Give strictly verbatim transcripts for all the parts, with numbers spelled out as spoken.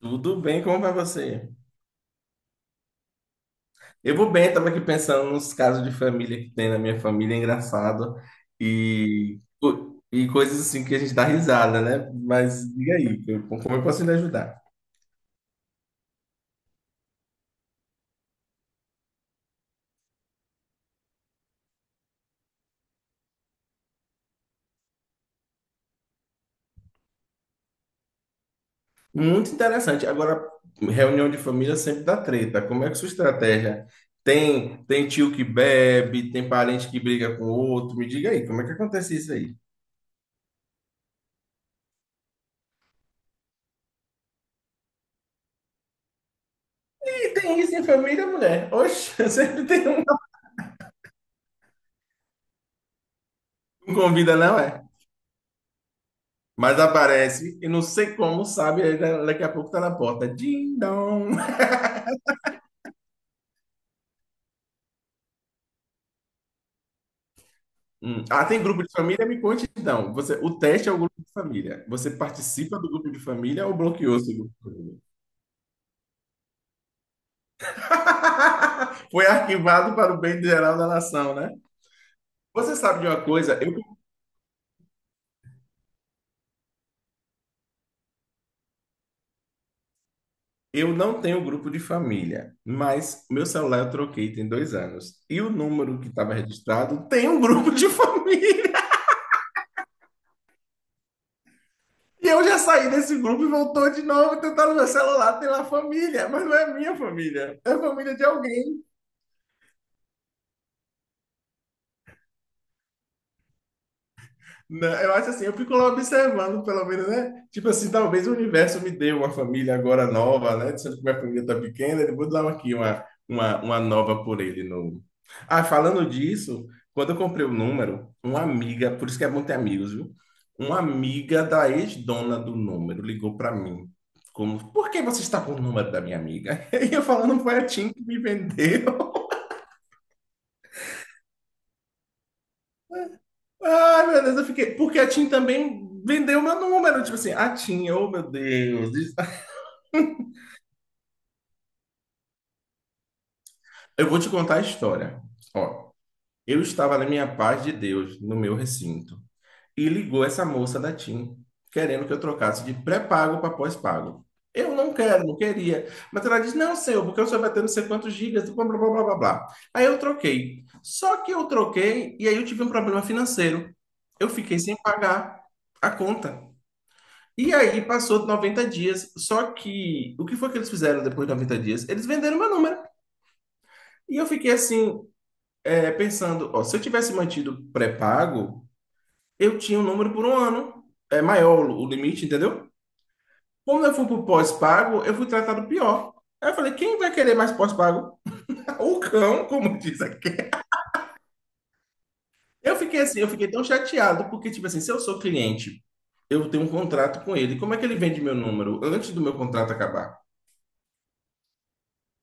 Tudo bem, como vai você? Eu vou bem, estava aqui pensando nos casos de família que tem na minha família, é engraçado, e, co- e coisas assim que a gente dá risada, né? Mas diga aí, eu- como eu posso lhe ajudar? Muito interessante. Agora, reunião de família sempre dá treta. Como é que é sua estratégia? Tem, tem tio que bebe, tem parente que briga com outro. Me diga aí, como é que acontece isso aí? E tem isso em família, mulher? Oxe, sempre tem um. Não convida, não é? Mas aparece, e não sei como, sabe? aí da- Daqui a pouco tá na porta. Ding dong. Hum. Ah, tem grupo de família? Me conte então. Você, o teste é o grupo de família. Você participa do grupo de família ou bloqueou seu grupo de família? Foi arquivado para o bem geral da nação, né? Você sabe de uma coisa? Eu, eu não tenho grupo de família, mas meu celular eu troquei tem dois anos. E o número que estava registrado tem um grupo de família. E eu já saí desse grupo e voltou de novo tentando meu celular, tem lá família, mas não é minha família, é a família de alguém. Não, eu acho assim, eu fico lá observando, pelo menos, né? Tipo assim, talvez o universo me dê uma família agora nova, né? Sendo que minha família tá pequena, eu vou dar aqui uma, uma, uma nova por ele novo. Ah, falando disso, quando eu comprei o número, uma amiga, por isso que é bom ter amigos, viu? Uma amiga da ex-dona do número ligou para mim. Como, por que você está com o número da minha amiga? E eu falando, foi a Tim que me vendeu. Ai, meu Deus, eu fiquei. Porque a Tim também vendeu meu número. Tipo assim, a Tim, oh meu Deus. Eu vou te contar a história. Ó, eu estava na minha paz de Deus, no meu recinto, e ligou essa moça da TIM, querendo que eu trocasse de pré-pago para pós-pago. Eu não quero, não queria. Mas ela disse, não, seu, porque o senhor vai ter não sei quantos gigas, blá, blá, blá, blá, blá. blá. Aí eu troquei. Só que eu troquei e aí eu tive um problema financeiro. Eu fiquei sem pagar a conta. E aí passou noventa dias, só que o que foi que eles fizeram depois de noventa dias? Eles venderam meu número. E eu fiquei assim, é, pensando, ó, se eu tivesse mantido pré-pago, eu tinha um número por um ano. É maior o o limite, entendeu? Como eu fui pro pós-pago, eu fui tratado pior. Aí eu falei, quem vai querer mais pós-pago? O cão, como diz aqui. Eu fiquei assim, eu fiquei tão chateado, porque, tipo assim, se eu sou cliente, eu tenho um contrato com ele, como é que ele vende meu número antes do meu contrato acabar?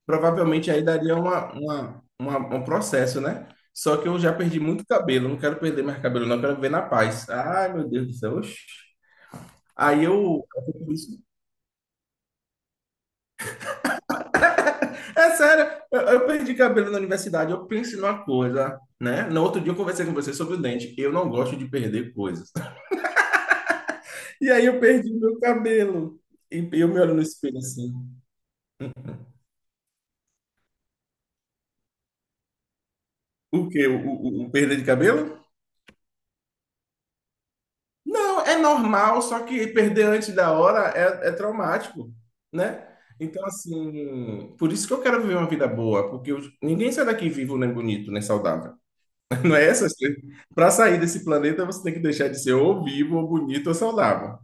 Provavelmente aí daria uma, uma, uma- um processo, né? Só que eu já perdi muito cabelo, não quero perder mais cabelo, não, quero viver na paz. Ai, meu Deus do céu, oxi. Aí eu. É sério, eu, eu perdi cabelo na universidade, eu penso numa coisa, né? No outro dia eu conversei com você sobre o dente, eu não gosto de perder coisas. E aí eu perdi meu cabelo. E eu me olho no espelho assim. O quê? O, o, o perda de cabelo? Não, é normal, só que perder antes da hora é, é traumático, né? Então, assim, por isso que eu quero viver uma vida boa, porque eu- ninguém sai daqui vivo, nem bonito, nem saudável. Não é essas coisas. Para sair desse planeta, você tem que deixar de ser ou vivo, ou bonito, ou saudável.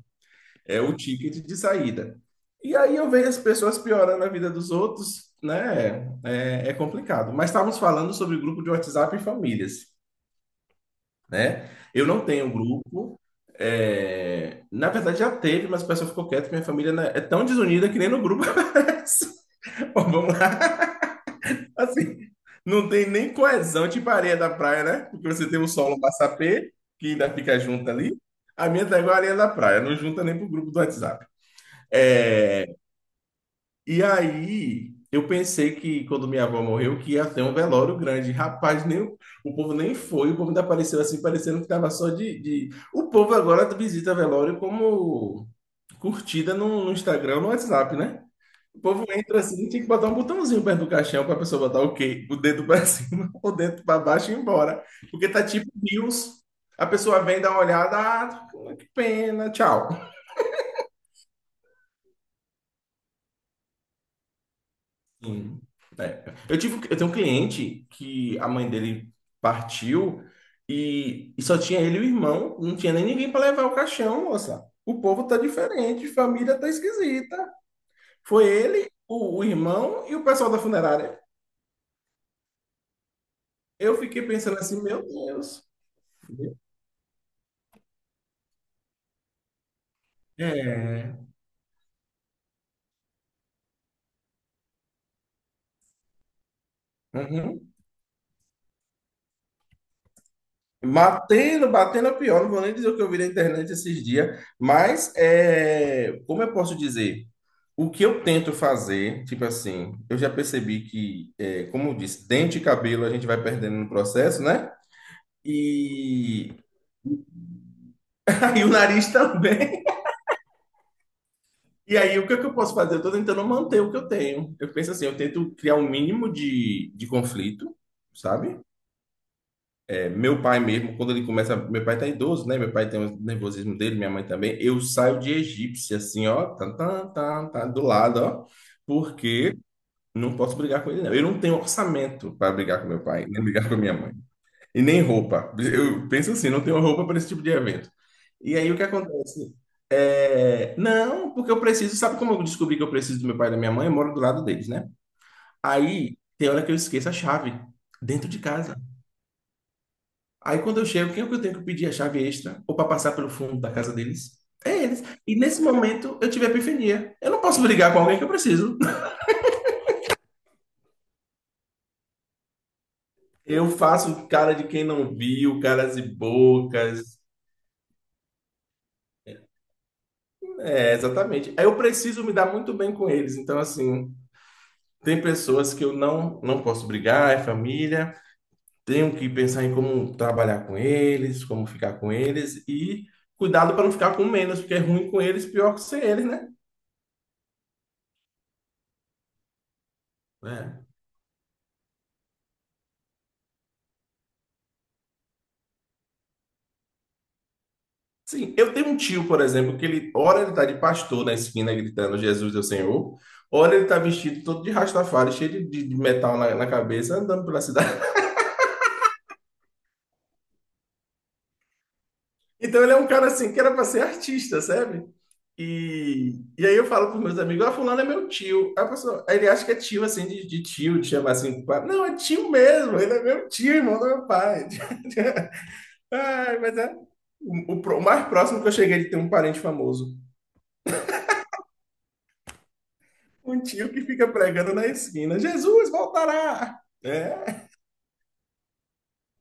É o ticket de saída. E aí eu vejo as pessoas piorando a vida dos outros, né? É, é complicado. Mas estávamos falando sobre grupo de WhatsApp e famílias né? Eu não tenho um grupo. é, Na verdade, já teve, mas o pessoal ficou quieto. Que Minha família né, é tão desunida que nem no grupo aparece. Ó, vamos lá. Assim, não tem nem coesão, tipo areia da praia, né? Porque você tem o solo massapê, que ainda fica junto ali. A minha tá igual a areia da praia, não junta nem pro grupo do WhatsApp. É, e aí, eu pensei que quando minha avó morreu, que ia ter um velório grande. Rapaz, nem, o o povo nem foi, o povo ainda apareceu assim, parecendo que estava só de, de- O povo agora visita velório como curtida no, no Instagram, no WhatsApp, né? O povo entra assim, tinha que botar um botãozinho perto do caixão para a pessoa botar o quê? O dedo para cima, o dedo para baixo e ir embora. Porque tá tipo news. A pessoa vem, dá uma olhada, ah, que pena, tchau. Sim. É. Eu tive, eu tenho um cliente que a mãe dele partiu e, e só tinha ele e o irmão, não tinha nem ninguém para levar o caixão, moça. O povo tá diferente, família tá esquisita. Foi ele, o, o irmão e o pessoal da funerária. Eu fiquei pensando assim, meu Deus. É. Uhum. Batendo, batendo é pior, não vou nem dizer o que eu vi na internet esses dias, mas é, como eu posso dizer? O que eu tento fazer, tipo assim, eu já percebi que, é, como eu disse, dente e cabelo a gente vai perdendo no processo, né? E aí o nariz também. E aí o que é que eu posso fazer? Eu tô tentando manter o que eu tenho. Eu penso assim, eu tento criar um mínimo de, de conflito, sabe? Meu pai mesmo, quando ele começa, meu pai tá idoso, né? Meu pai tem o nervosismo dele, minha mãe também. Eu saio de egípcia, assim, ó, tá, tá, tá, tá, do lado, ó, porque não posso brigar com ele, não. Eu não tenho orçamento para brigar com meu pai, nem brigar com minha mãe, e nem roupa. Eu penso assim, não tenho roupa para esse tipo de evento. E aí o que acontece? É, não, porque eu preciso, sabe como eu descobri que eu preciso do meu pai e da minha mãe? Eu moro do lado deles, né? Aí tem hora que eu esqueço a chave dentro de casa. Aí quando eu chego, quem é que eu tenho que pedir a chave extra? Ou para passar pelo fundo da casa deles? É eles. E nesse momento eu tive a epifania. Eu não posso brigar com alguém que eu preciso. Eu faço cara de quem não viu, caras e bocas. É, exatamente. Aí eu preciso me dar muito bem com eles. Então, assim, tem pessoas que eu não, não posso brigar, é família. Tenho que pensar em como trabalhar com eles, como ficar com eles. E cuidado para não ficar com menos, porque é ruim com eles, pior que sem eles, né? É. Sim, eu tenho um tio, por exemplo, que ele, ora ele tá de pastor na esquina gritando Jesus é o Senhor, ora ele tá vestido todo de Rastafari, cheio de, de- de metal na, na cabeça, andando pela cidade. Então ele é um cara assim que era para ser artista, sabe? E, e aí eu falo pros meus amigos, ah, fulano é meu tio. Aí a pessoa, aí ele acha que é tio assim, de, de tio, de chamar assim, pá. Não, é tio mesmo, ele é meu tio, irmão do meu pai. Ai, mas é o, o pro- o mais próximo que eu cheguei de ter um parente famoso. Um tio que fica pregando na esquina: Jesus voltará! É,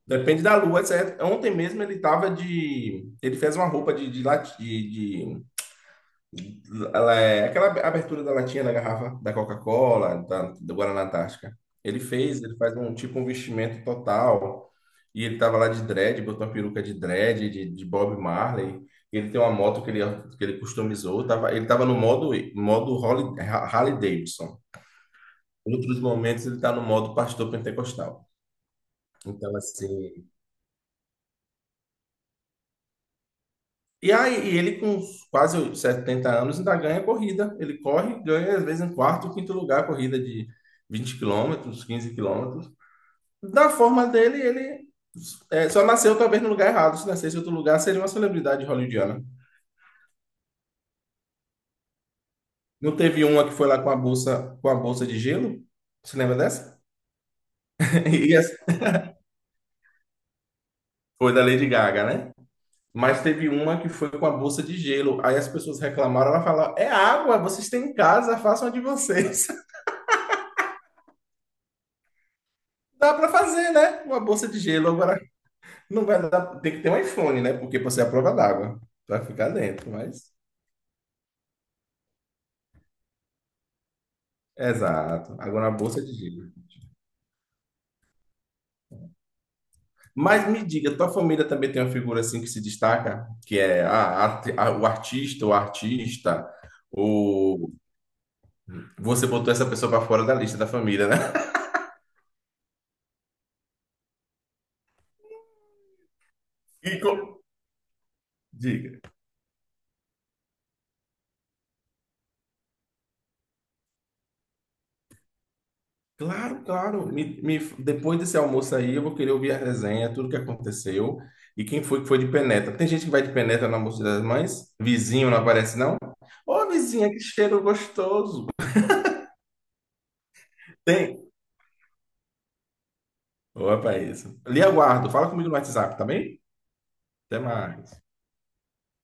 depende da lua, certo? Ontem mesmo ele tava de. Ele fez uma roupa de, de, lati- de, de- ela é- aquela abertura da latinha da garrafa da Coca-Cola, da, do Guaraná Antártica. Ele fez, ele faz um tipo um vestimento total. E ele tava lá de dread, botou uma peruca de dread, de, de Bob Marley. Ele tem uma moto que ele, que ele customizou. Tava, ele tava no modo, modo Harley, Harley Davidson. Outros momentos ele está no modo pastor pentecostal. Então, assim. E aí, e ele com quase setenta anos ainda ganha corrida. Ele corre, ganha às vezes em quarto, ou quinto lugar, corrida de vinte quilômetros, quinze quilômetros. Da forma dele, ele é, só nasceu talvez no lugar errado. Se nascesse em outro lugar, seria uma celebridade hollywoodiana. Não teve uma que foi lá com a bolsa, com a bolsa de gelo? Você lembra dessa? E essa foi da Lady Gaga, né? Mas teve uma que foi com a bolsa de gelo. Aí as pessoas reclamaram, ela falou: "É água, vocês têm em casa, façam a de vocês". Dá para fazer, né? Uma bolsa de gelo agora não vai dar, tem que ter um iPhone, né? Porque você é a prova d'água para ficar dentro, mas exato. Agora a bolsa de gelo. Mas me diga, tua família também tem uma figura assim que se destaca, que é a- a- a- o artista, o artista, ou você botou essa pessoa para fora da lista da família, né? E co- Diga. Claro, claro. Me- me- depois desse almoço aí, eu vou querer ouvir a resenha, tudo que aconteceu e quem foi que foi de penetra. Tem gente que vai de penetra no almoço das mães? Vizinho não aparece, não? Ô, vizinha, que cheiro gostoso! Tem! Opa, é isso. Lhe aguardo. Fala comigo no WhatsApp, tá bem? Até mais.